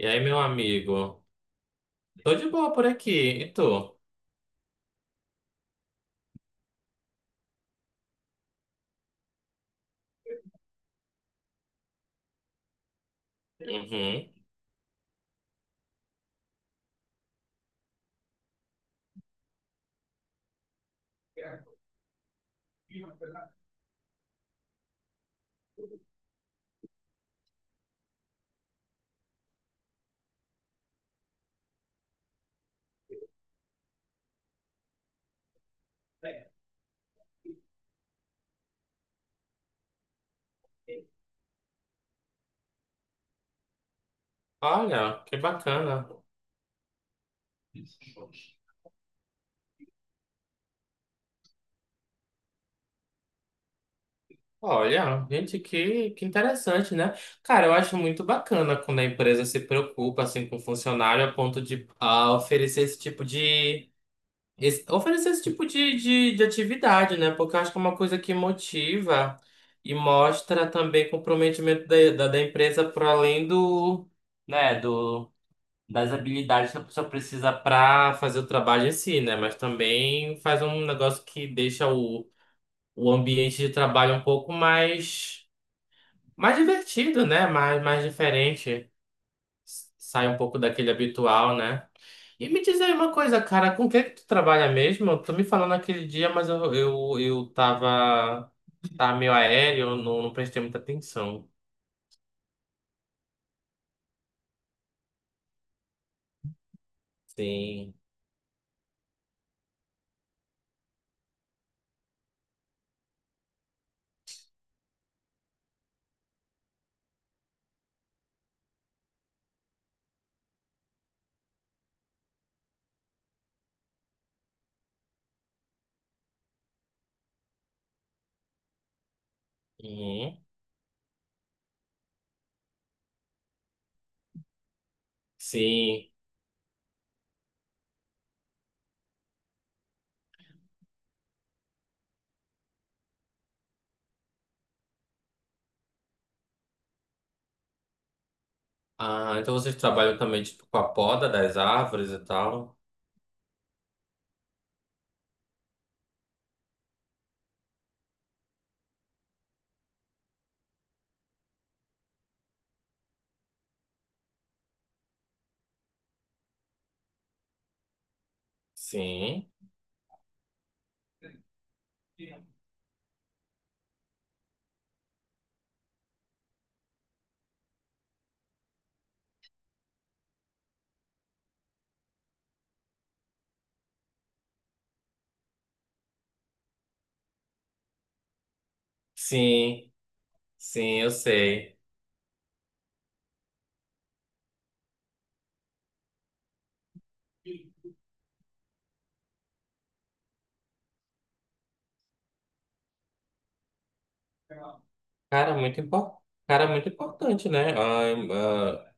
E aí, meu amigo? Tô de boa por aqui. E tu? Uhum. Olha, que bacana. Olha, gente, que interessante, né? Cara, eu acho muito bacana quando a empresa se preocupa assim com o funcionário a ponto de oferecer esse tipo de oferecer esse tipo de atividade, né? Porque eu acho que é uma coisa que motiva e mostra também comprometimento da empresa para além do, né, das habilidades que a pessoa precisa para fazer o trabalho em si, né? Mas também faz um negócio que deixa o ambiente de trabalho um pouco mais, mais divertido, né? Mais diferente. Sai um pouco daquele habitual, né? E me diz aí uma coisa, cara, com quem que tu trabalha mesmo? Tu me falou naquele dia, mas eu tava, tava meio aéreo, não, não prestei muita atenção. Sim. Uhum. Sim. Ah, então vocês trabalham também tipo, com a poda das árvores e tal? Sim. Sim, sim, eu sei. Cara, muito impor... Cara, muito importante, né? Ah, ah,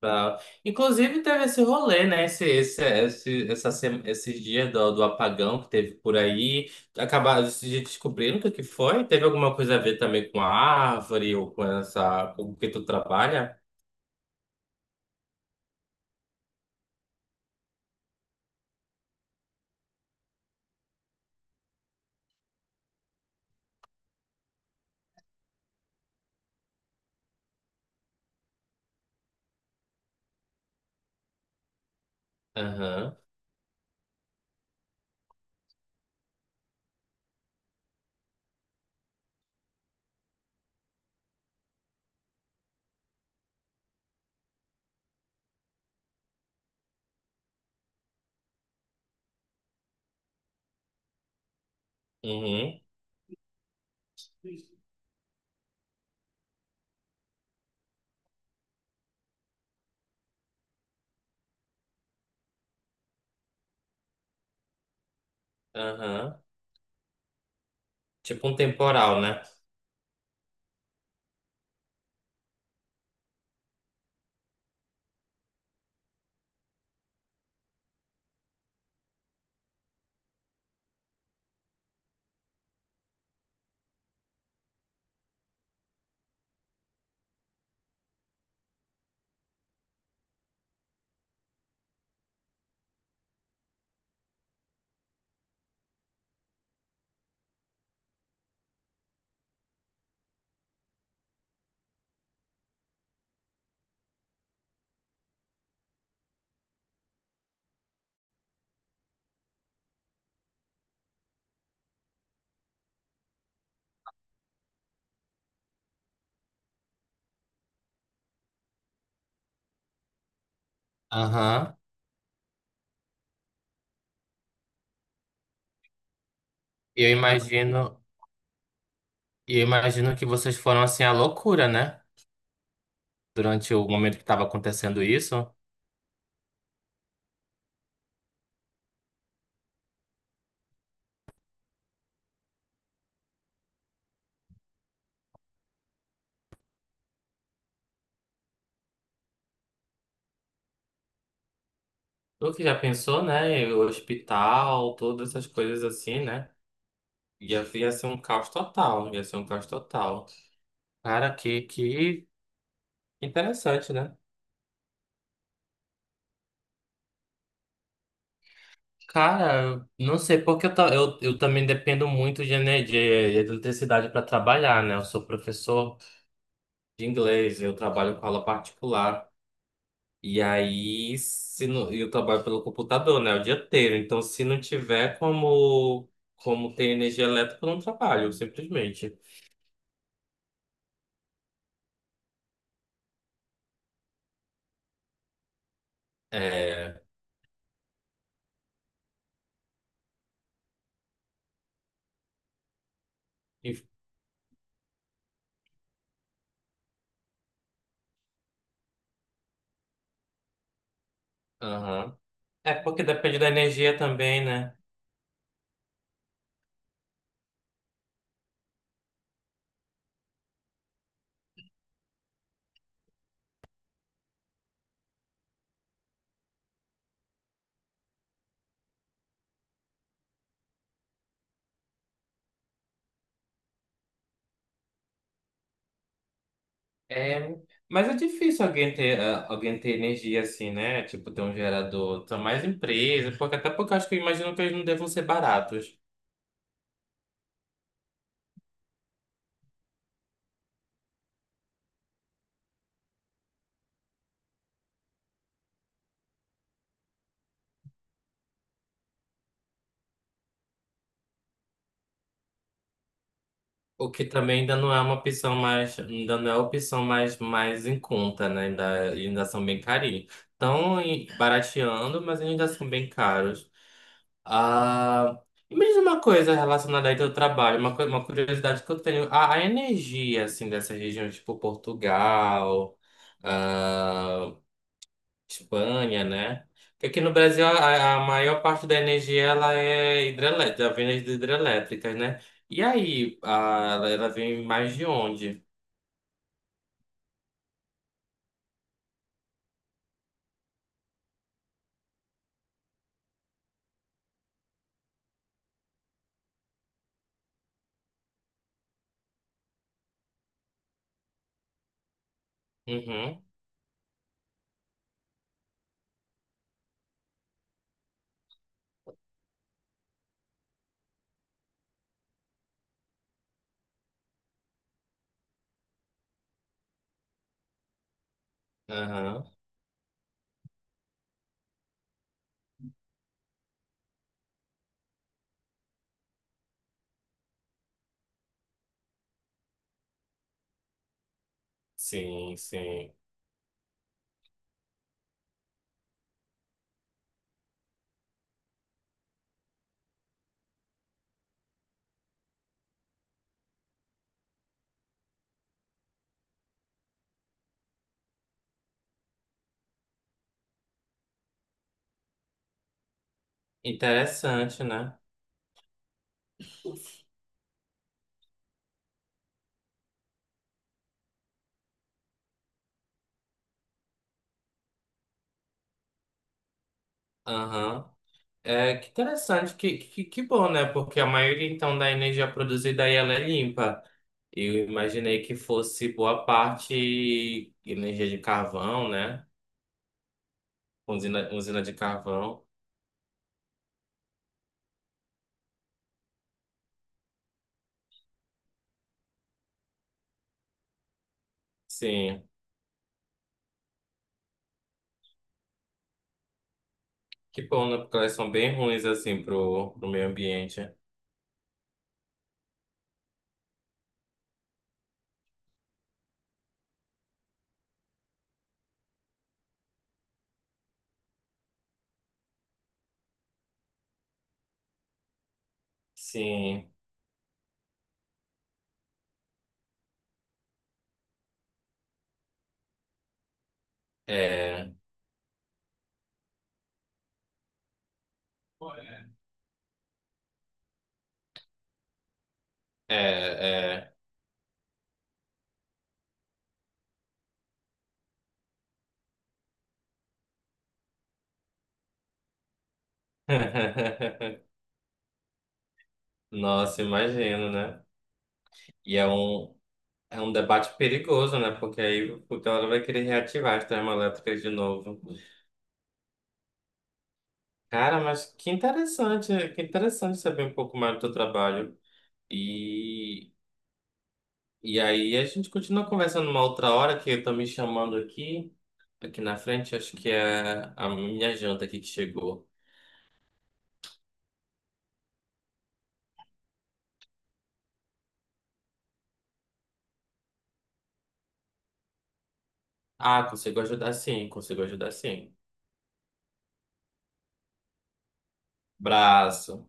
pra- Inclusive, teve esse rolê, né? Esses dias do, do apagão que teve por aí. Acabaram de descobrindo o que que foi. Teve alguma coisa a ver também com a árvore ou com essa... com o que tu trabalha? Aham, uhum, aham. Tipo um temporal, né? Aham. E Eu imagino, e eu imagino que vocês foram assim à loucura, né? Durante o momento que estava acontecendo isso. Tu que já pensou, né? O hospital, todas essas coisas assim, né? Ia ser um caos total, ia ser um caos total. Cara, que interessante, né? Cara, eu não sei porque eu também dependo muito de energia, de eletricidade para trabalhar, né? Eu sou professor de inglês, eu trabalho com aula particular. E aí, se não, eu trabalho pelo computador, né, o dia inteiro. Então, se não tiver como ter energia elétrica, eu não trabalho, simplesmente. É, e- aham. É porque depende da energia também, né? É, mas é difícil alguém ter energia assim, né? Tipo, ter um gerador. São mais empresas, porque até porque eu acho que eu imagino que eles não devam ser baratos. O que também ainda não é uma opção mais, ainda não é a opção mais, mais em conta, né? Ainda são bem carinhos. Barateando, mas ainda são bem caros. Ah, e me diz uma coisa relacionada aí ao teu trabalho, uma curiosidade que eu tenho, a energia, assim, dessa região, tipo Portugal, ah, Espanha, né? Porque aqui no Brasil a maior parte da energia ela é hidrelétrica, vem de hidrelétricas, né? E aí, a, ela vem mais de onde? Uhum, aham, sim, sim. Interessante, né? Aham. É, que interessante, que bom, né? Porque a maioria, então, da energia produzida aí, ela é limpa. Eu imaginei que fosse boa parte energia de carvão, né? Usina, usina de carvão. Sim. Que bom, né? Porque elas são bem ruins, assim, pro, pro meio ambiente. Sim, é, é, é. Nossa, imagino, né? E é um debate perigoso, né? Porque aí o Teodoro vai querer reativar as termoelétricas de novo. Cara, mas que interessante saber um pouco mais do teu trabalho. E, e aí a gente continua conversando uma outra hora, que eu tô me chamando aqui, aqui na frente, acho que é a minha janta aqui que chegou. Ah, consigo ajudar sim, consigo ajudar sim. Braço.